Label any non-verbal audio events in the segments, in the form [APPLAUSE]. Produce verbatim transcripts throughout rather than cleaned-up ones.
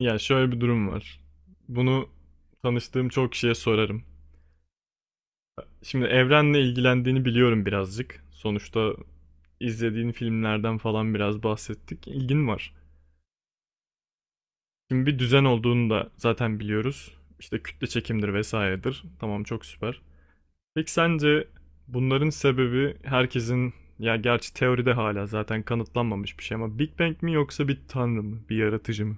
Ya şöyle bir durum var. Bunu tanıştığım çok kişiye sorarım. Şimdi evrenle ilgilendiğini biliyorum birazcık. Sonuçta izlediğin filmlerden falan biraz bahsettik. İlgin var. Şimdi bir düzen olduğunu da zaten biliyoruz. İşte kütle çekimdir vesairedir. Tamam çok süper. Peki sence bunların sebebi herkesin ya gerçi teoride hala zaten kanıtlanmamış bir şey ama Big Bang mi yoksa bir tanrı mı, bir yaratıcı mı?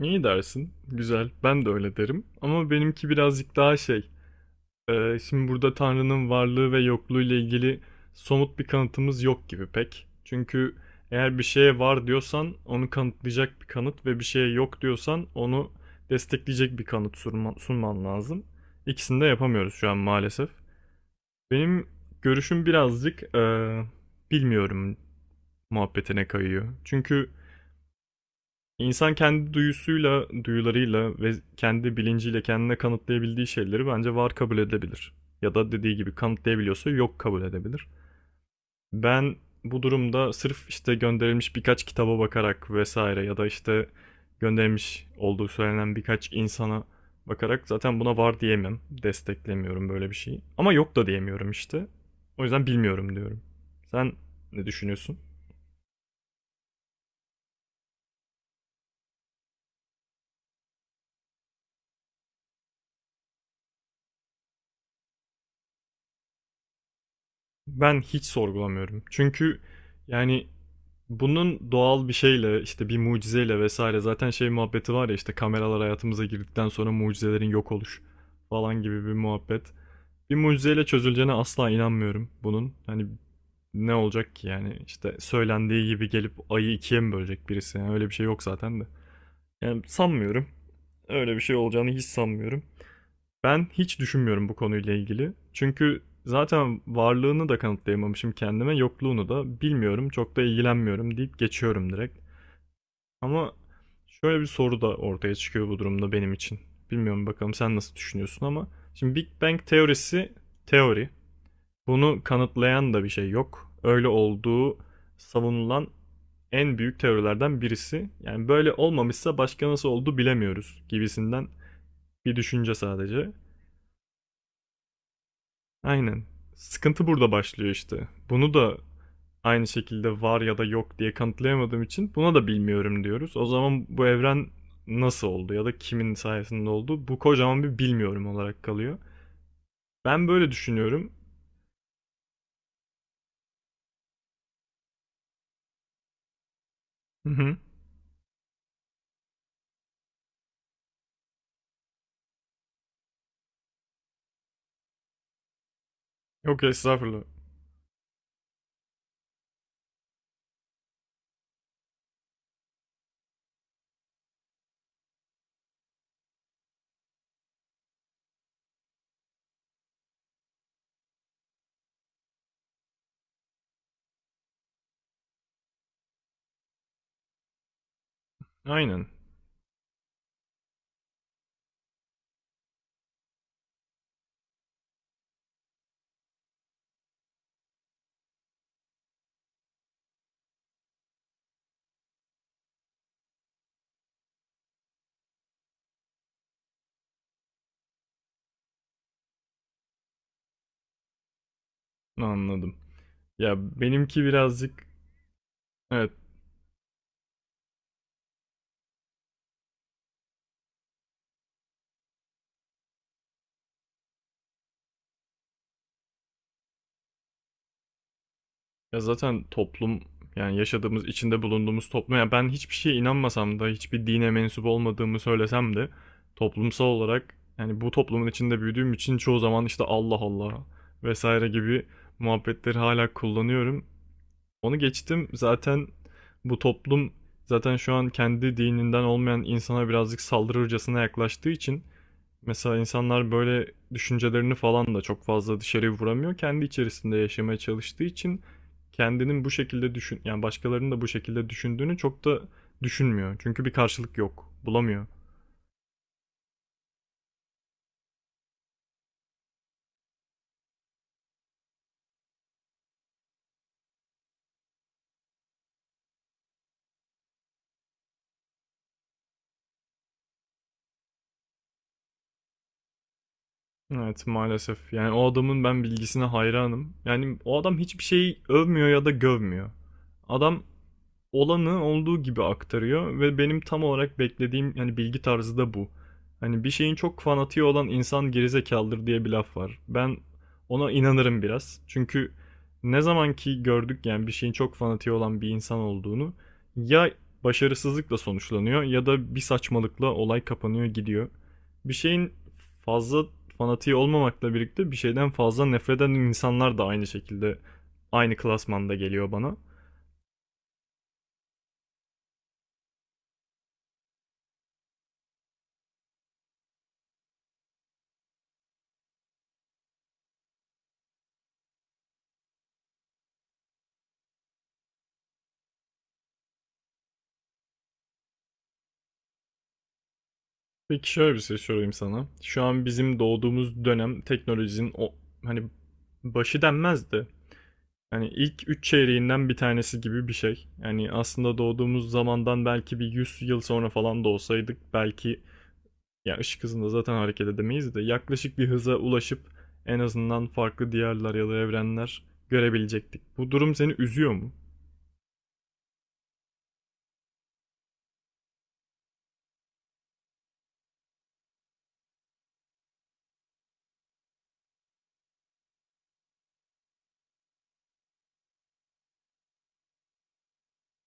İyi dersin. Güzel. Ben de öyle derim. Ama benimki birazcık daha şey. Ee, şimdi burada Tanrı'nın varlığı ve yokluğu ile ilgili somut bir kanıtımız yok gibi pek. Çünkü eğer bir şeye var diyorsan onu kanıtlayacak bir kanıt ve bir şeye yok diyorsan onu destekleyecek bir kanıt sunman, sunman lazım. İkisini de yapamıyoruz şu an maalesef. Benim görüşüm birazcık eee, bilmiyorum muhabbetine kayıyor. Çünkü İnsan kendi duyusuyla, duyularıyla ve kendi bilinciyle kendine kanıtlayabildiği şeyleri bence var kabul edebilir. Ya da dediği gibi kanıtlayabiliyorsa yok kabul edebilir. Ben bu durumda sırf işte gönderilmiş birkaç kitaba bakarak vesaire ya da işte gönderilmiş olduğu söylenen birkaç insana bakarak zaten buna var diyemem. Desteklemiyorum böyle bir şeyi. Ama yok da diyemiyorum işte. O yüzden bilmiyorum diyorum. Sen ne düşünüyorsun? Ben hiç sorgulamıyorum. Çünkü yani bunun doğal bir şeyle işte bir mucizeyle vesaire zaten şey muhabbeti var ya işte kameralar hayatımıza girdikten sonra mucizelerin yok oluş falan gibi bir muhabbet. Bir mucizeyle çözüleceğine asla inanmıyorum bunun. Hani ne olacak ki yani işte söylendiği gibi gelip ayı ikiye mi bölecek birisi, yani öyle bir şey yok zaten de. Yani sanmıyorum. Öyle bir şey olacağını hiç sanmıyorum. Ben hiç düşünmüyorum bu konuyla ilgili. Çünkü zaten varlığını da kanıtlayamamışım kendime, yokluğunu da bilmiyorum, çok da ilgilenmiyorum deyip geçiyorum direkt. Ama şöyle bir soru da ortaya çıkıyor bu durumda benim için. Bilmiyorum bakalım sen nasıl düşünüyorsun ama şimdi Big Bang teorisi teori. Bunu kanıtlayan da bir şey yok. Öyle olduğu savunulan en büyük teorilerden birisi. Yani böyle olmamışsa başka nasıl oldu bilemiyoruz gibisinden bir düşünce sadece. Aynen. Sıkıntı burada başlıyor işte. Bunu da aynı şekilde var ya da yok diye kanıtlayamadığım için buna da bilmiyorum diyoruz. O zaman bu evren nasıl oldu ya da kimin sayesinde oldu? Bu kocaman bir bilmiyorum olarak kalıyor. Ben böyle düşünüyorum. Hı hı. Yok estağfurullah. Aynen. Anladım. Ya benimki birazcık evet. Ya zaten toplum, yani yaşadığımız içinde bulunduğumuz toplum, yani ben hiçbir şeye inanmasam da hiçbir dine mensup olmadığımı söylesem de toplumsal olarak, yani bu toplumun içinde büyüdüğüm için çoğu zaman işte Allah Allah vesaire gibi muhabbetleri hala kullanıyorum. Onu geçtim, zaten bu toplum zaten şu an kendi dininden olmayan insana birazcık saldırırcasına yaklaştığı için mesela insanlar böyle düşüncelerini falan da çok fazla dışarıya vuramıyor. Kendi içerisinde yaşamaya çalıştığı için kendinin bu şekilde düşün, yani başkalarının da bu şekilde düşündüğünü çok da düşünmüyor. Çünkü bir karşılık yok, bulamıyor. Evet, maalesef. Yani o adamın ben bilgisine hayranım. Yani o adam hiçbir şeyi övmüyor ya da gövmüyor. Adam olanı olduğu gibi aktarıyor ve benim tam olarak beklediğim yani bilgi tarzı da bu. Hani bir şeyin çok fanatiği olan insan gerizekalıdır diye bir laf var. Ben ona inanırım biraz. Çünkü ne zaman ki gördük yani bir şeyin çok fanatiği olan bir insan olduğunu, ya başarısızlıkla sonuçlanıyor ya da bir saçmalıkla olay kapanıyor gidiyor. Bir şeyin fazla fanatiği olmamakla birlikte bir şeyden fazla nefret eden insanlar da aynı şekilde aynı klasmanda geliyor bana. Peki şöyle bir şey sorayım sana. Şu an bizim doğduğumuz dönem teknolojinin o hani başı denmez de yani ilk üç çeyreğinden bir tanesi gibi bir şey. Yani aslında doğduğumuz zamandan belki bir yüz yıl sonra falan da olsaydık belki ya ışık hızında zaten hareket edemeyiz de yaklaşık bir hıza ulaşıp en azından farklı diyarlar ya da evrenler görebilecektik. Bu durum seni üzüyor mu?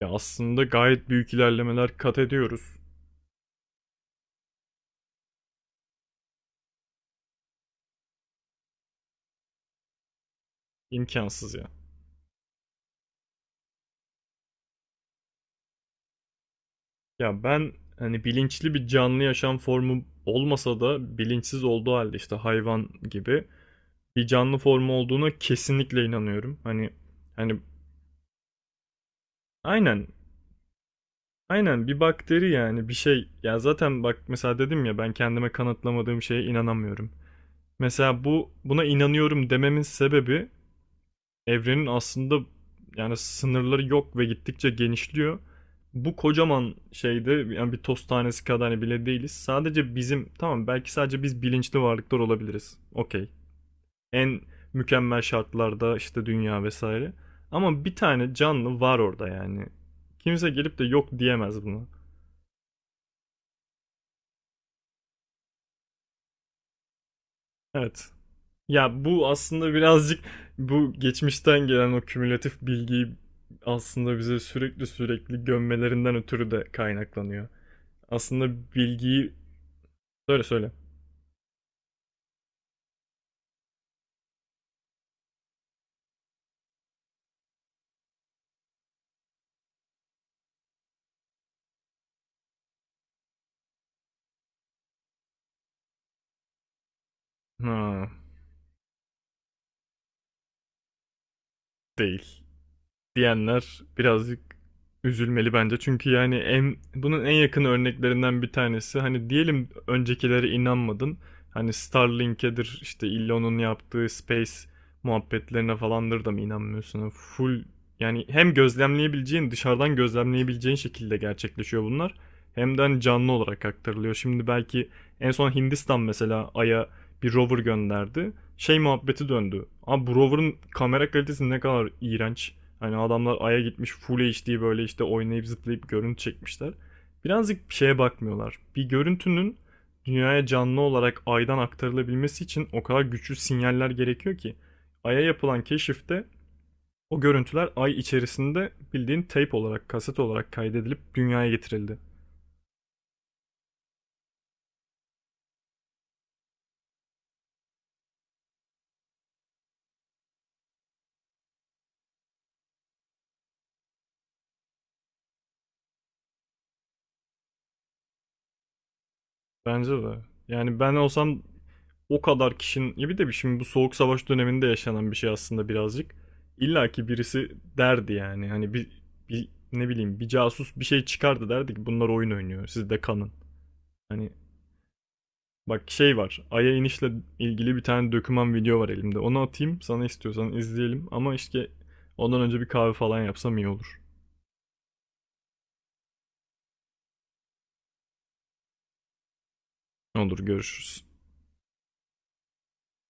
Ya aslında gayet büyük ilerlemeler kat ediyoruz. İmkansız ya. Ya ben hani bilinçli bir canlı yaşam formu olmasa da bilinçsiz olduğu halde işte hayvan gibi bir canlı formu olduğuna kesinlikle inanıyorum. Hani hani aynen, aynen bir bakteri yani bir şey ya. Zaten bak, mesela dedim ya ben kendime kanıtlamadığım şeye inanamıyorum. Mesela bu, buna inanıyorum dememin sebebi evrenin aslında yani sınırları yok ve gittikçe genişliyor. Bu kocaman şeyde yani bir toz tanesi kadar hani bile değiliz. Sadece bizim, tamam, belki sadece biz bilinçli varlıklar olabiliriz. Okey. En mükemmel şartlarda işte dünya vesaire. Ama bir tane canlı var orada yani. Kimse gelip de yok diyemez buna. Evet. Ya bu aslında birazcık [LAUGHS] bu geçmişten gelen o kümülatif bilgiyi aslında bize sürekli sürekli gömmelerinden ötürü de kaynaklanıyor. Aslında bilgiyi söyle, söyle. Ha, değil diyenler birazcık üzülmeli bence. Çünkü yani en, bunun en yakın örneklerinden bir tanesi hani diyelim öncekilere inanmadın. Hani Starlink'edir, işte Elon'un yaptığı space muhabbetlerine falandır da mı inanmıyorsun? Yani full, yani hem gözlemleyebileceğin, dışarıdan gözlemleyebileceğin şekilde gerçekleşiyor bunlar. Hem de hani canlı olarak aktarılıyor. Şimdi belki en son Hindistan mesela Ay'a bir rover gönderdi. Şey muhabbeti döndü. Abi bu rover'ın kamera kalitesi ne kadar iğrenç. Hani adamlar Ay'a gitmiş full H D böyle işte oynayıp zıplayıp görüntü çekmişler. Birazcık bir şeye bakmıyorlar. Bir görüntünün dünyaya canlı olarak Ay'dan aktarılabilmesi için o kadar güçlü sinyaller gerekiyor ki. Ay'a yapılan keşifte o görüntüler Ay içerisinde bildiğin tape olarak, kaset olarak kaydedilip dünyaya getirildi. Bence de. Yani ben olsam o kadar kişinin, ya bir de bir- şimdi bu soğuk savaş döneminde yaşanan bir şey aslında birazcık. İlla ki birisi derdi, yani hani bir, bir ne bileyim bir casus bir şey çıkardı derdi ki bunlar oyun oynuyor, siz de kanın. Hani bak şey var, Ay'a inişle ilgili bir tane döküman video var elimde, onu atayım sana, istiyorsan izleyelim, ama işte ondan önce bir kahve falan yapsam iyi olur. Olur, görüşürüz.